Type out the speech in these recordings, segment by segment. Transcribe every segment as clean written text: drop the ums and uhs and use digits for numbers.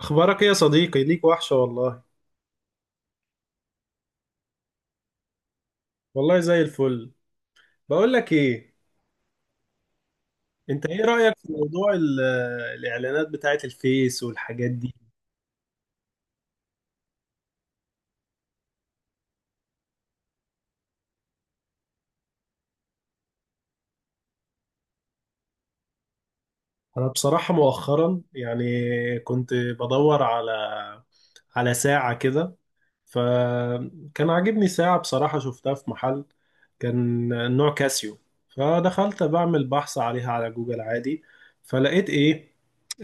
اخبارك ايه يا صديقي؟ ليك وحشة والله. والله زي الفل. بقول لك ايه، انت ايه رأيك في موضوع الاعلانات بتاعت الفيس والحاجات دي؟ انا بصراحة مؤخرا يعني كنت بدور على ساعة كده. فكان عاجبني ساعة بصراحة شفتها في محل، كان نوع كاسيو. فدخلت بعمل بحث عليها على جوجل عادي. فلقيت ايه؟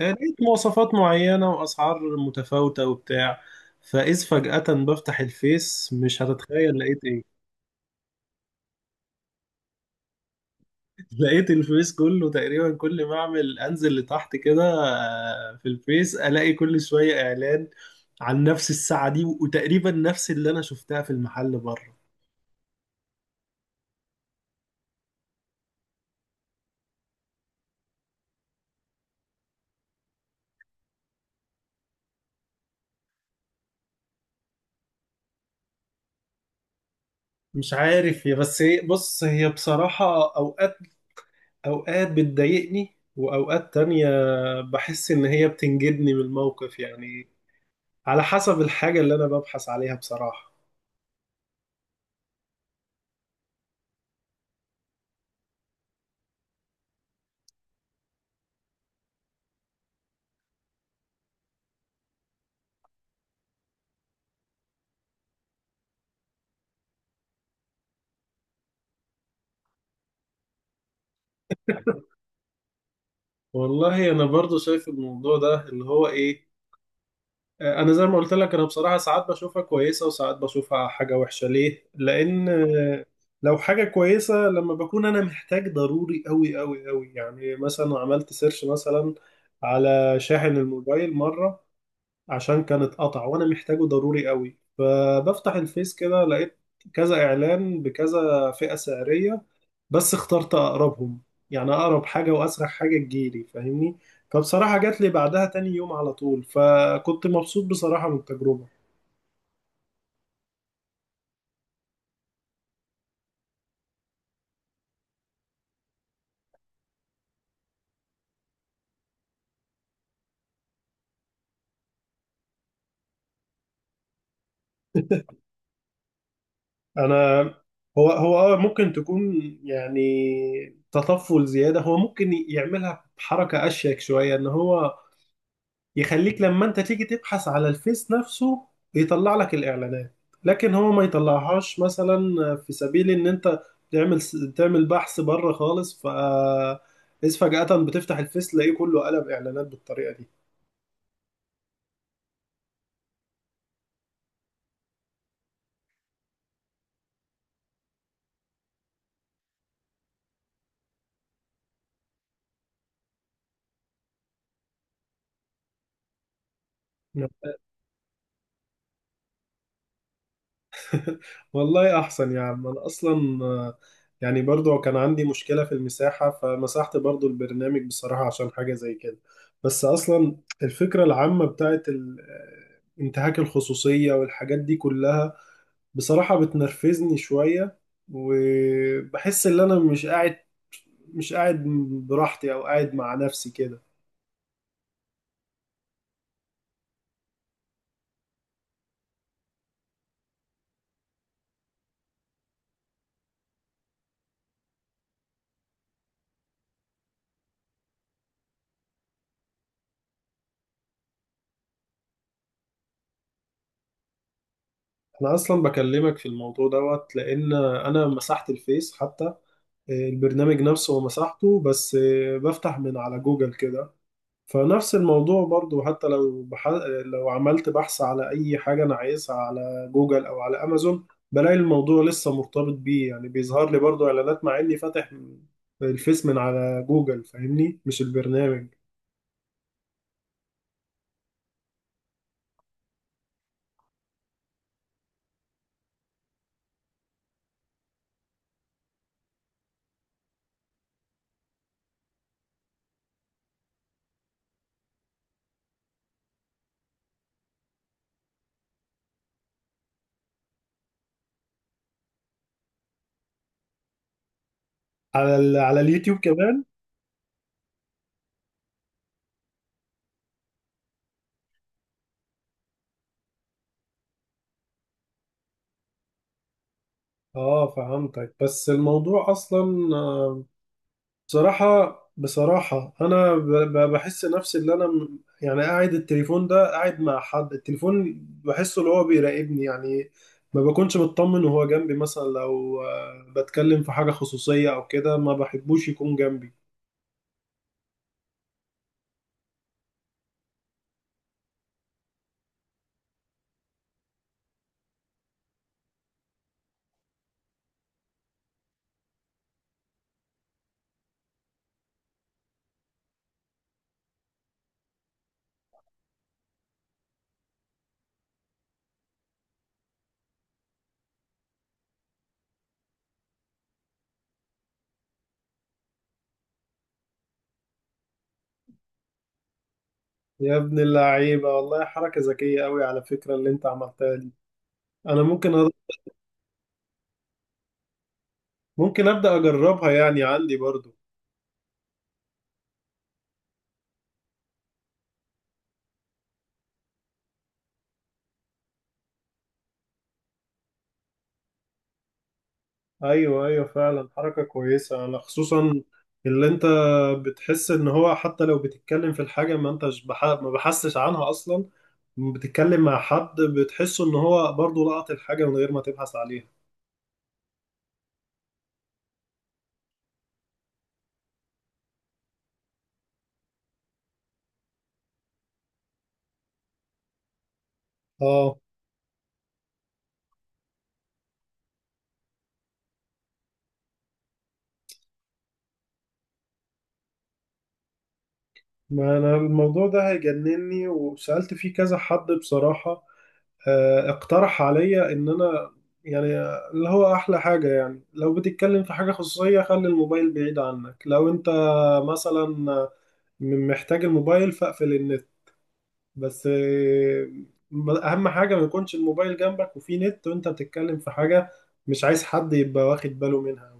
لقيت مواصفات معينة وأسعار متفاوتة وبتاع. فإذ فجأة بفتح الفيس، مش هتتخيل لقيت ايه؟ لقيت الفيس كله تقريبا، كل ما أعمل أنزل لتحت كده في الفيس ألاقي كل شوية إعلان عن نفس الساعة دي، وتقريبا نفس اللي أنا شفتها في المحل بره. مش عارف، هي بس هي بص هي بصراحة أوقات بتضايقني، وأوقات تانية بحس إن هي بتنجدني من الموقف يعني، على حسب الحاجة اللي أنا ببحث عليها بصراحة. والله أنا برضو شايف الموضوع ده اللي هو إيه. أنا زي ما قلت لك، أنا بصراحة ساعات بشوفها كويسة وساعات بشوفها حاجة وحشة. ليه؟ لأن لو حاجة كويسة لما بكون أنا محتاج ضروري أوي أوي أوي، يعني مثلا عملت سيرش مثلا على شاحن الموبايل مرة، عشان كان اتقطع وانا محتاجه ضروري قوي. فبفتح الفيس كده لقيت كذا اعلان بكذا فئة سعرية. بس اخترت اقربهم، يعني اقرب حاجة واسرع حاجة تجيلي، فاهمني؟ فبصراحة جات لي بعدها تاني يوم على طول، فكنت مبسوط بصراحة من التجربة. انا هو هو اه ممكن تكون يعني تطفل زيادة، هو ممكن يعملها بحركة اشيك شوية، ان هو يخليك لما انت تيجي تبحث على الفيس نفسه يطلع لك الاعلانات. لكن هو ما يطلعهاش مثلا، في سبيل ان انت تعمل تعمل بحث بره خالص. إذ فجأة بتفتح الفيس تلاقيه كله قلب اعلانات بالطريقة دي. والله احسن يا عم، انا اصلا يعني برضو كان عندي مشكلة في المساحة، فمسحت برضو البرنامج بصراحة عشان حاجة زي كده. بس اصلا الفكرة العامة بتاعت انتهاك الخصوصية والحاجات دي كلها بصراحة بتنرفزني شوية. وبحس ان انا مش قاعد براحتي او قاعد مع نفسي كده. انا اصلا بكلمك في الموضوع دوت، لان انا مسحت الفيس حتى، البرنامج نفسه، ومسحته. بس بفتح من على جوجل كده. فنفس الموضوع برضو، حتى لو عملت بحث على أي حاجة أنا عايزها على جوجل أو على أمازون، بلاقي الموضوع لسه مرتبط بيه، يعني بيظهر لي برضو إعلانات مع إني فاتح الفيس من على جوجل، فاهمني؟ مش البرنامج. على اليوتيوب كمان. اه، فهمتك. بس الموضوع اصلا، بصراحة أنا بحس نفسي اللي أنا يعني قاعد التليفون ده، قاعد مع حد، التليفون بحسه اللي هو بيراقبني يعني. ما بكونش مطمن وهو جنبي، مثلا لو بتكلم في حاجة خصوصية أو كده ما بحبوش يكون جنبي. يا ابن اللعيبة والله، حركة ذكية أوي على فكرة اللي أنت عملتها دي. أنا ممكن أبدأ أجربها يعني، عندي برضو. ايوه، ايوه، فعلا حركه كويسه. انا خصوصا اللي انت، بتحس ان هو حتى لو بتتكلم في الحاجه ما انتش بح... ما بحسش عنها اصلا. بتتكلم مع حد بتحسه ان هو برضه لقط الحاجه من غير ما تبحث عليها. اه، ما انا الموضوع ده هيجنني، وسالت فيه كذا حد بصراحه. اقترح عليا ان انا يعني، اللي هو احلى حاجه، يعني لو بتتكلم في حاجه خصوصيه خلي الموبايل بعيد عنك. لو انت مثلا محتاج الموبايل، فاقفل النت. بس اهم حاجه ما يكونش الموبايل جنبك وفيه نت وانت بتتكلم في حاجه مش عايز حد يبقى واخد باله منها.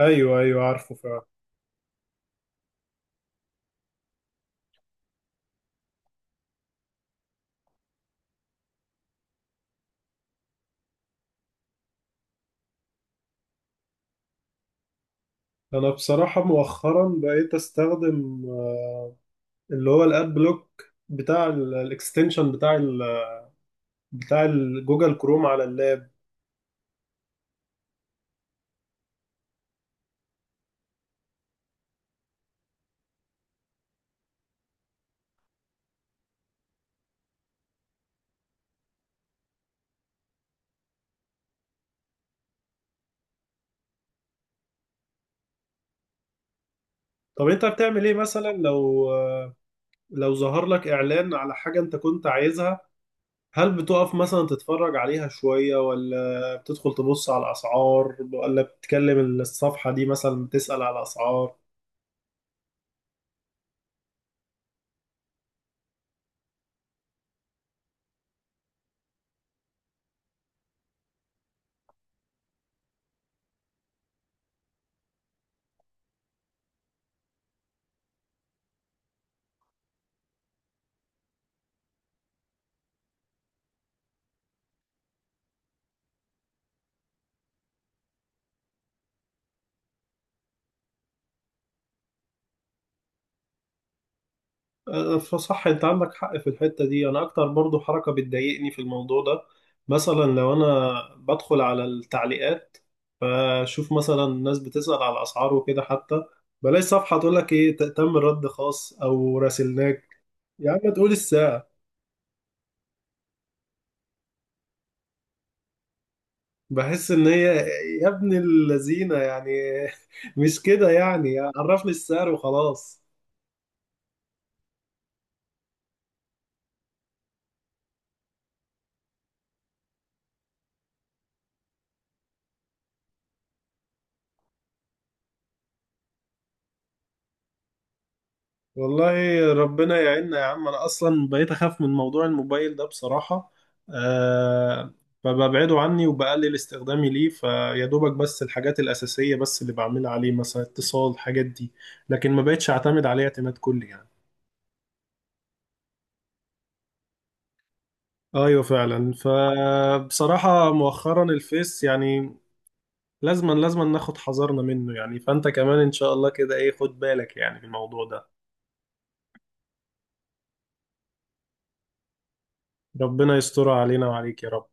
ايوه، ايوه، عارفه فعلا. انا بصراحه مؤخرا بقيت استخدم اللي هو الاد بلوك بتاع الاكستنشن بتاع جوجل كروم على اللاب. طب انت بتعمل ايه مثلا، لو ظهر لك اعلان على حاجه انت كنت عايزها، هل بتقف مثلا تتفرج عليها شوية، ولا بتدخل تبص على الأسعار، ولا بتكلم الصفحة دي مثلا بتسأل على الأسعار؟ أه، فصح، أنت عندك حق في الحتة دي. أنا أكتر برضو حركة بتضايقني في الموضوع ده، مثلا لو أنا بدخل على التعليقات فشوف مثلا الناس بتسأل على الأسعار وكده، حتى بلاقي صفحة تقول لك إيه، تم رد خاص أو راسلناك. يا عم تقول السعر. بحس ان هي، يا ابن اللذينه يعني، مش كده يعني؟ عرفني السعر وخلاص. والله ربنا يعيننا يا عم. انا اصلا بقيت اخاف من موضوع الموبايل ده بصراحة. أه، فببعده عني وبقلل استخدامي ليه، فيا دوبك بس الحاجات الأساسية بس اللي بعملها عليه، مثلا اتصال، الحاجات دي. لكن ما بقتش اعتمد عليه اعتماد كلي يعني. ايوه فعلا. فبصراحة مؤخرا الفيس يعني، لازما لازما ناخد حذرنا منه يعني. فانت كمان ان شاء الله كده ايه، خد بالك يعني في الموضوع ده. ربنا يسترها علينا وعليك يا رب.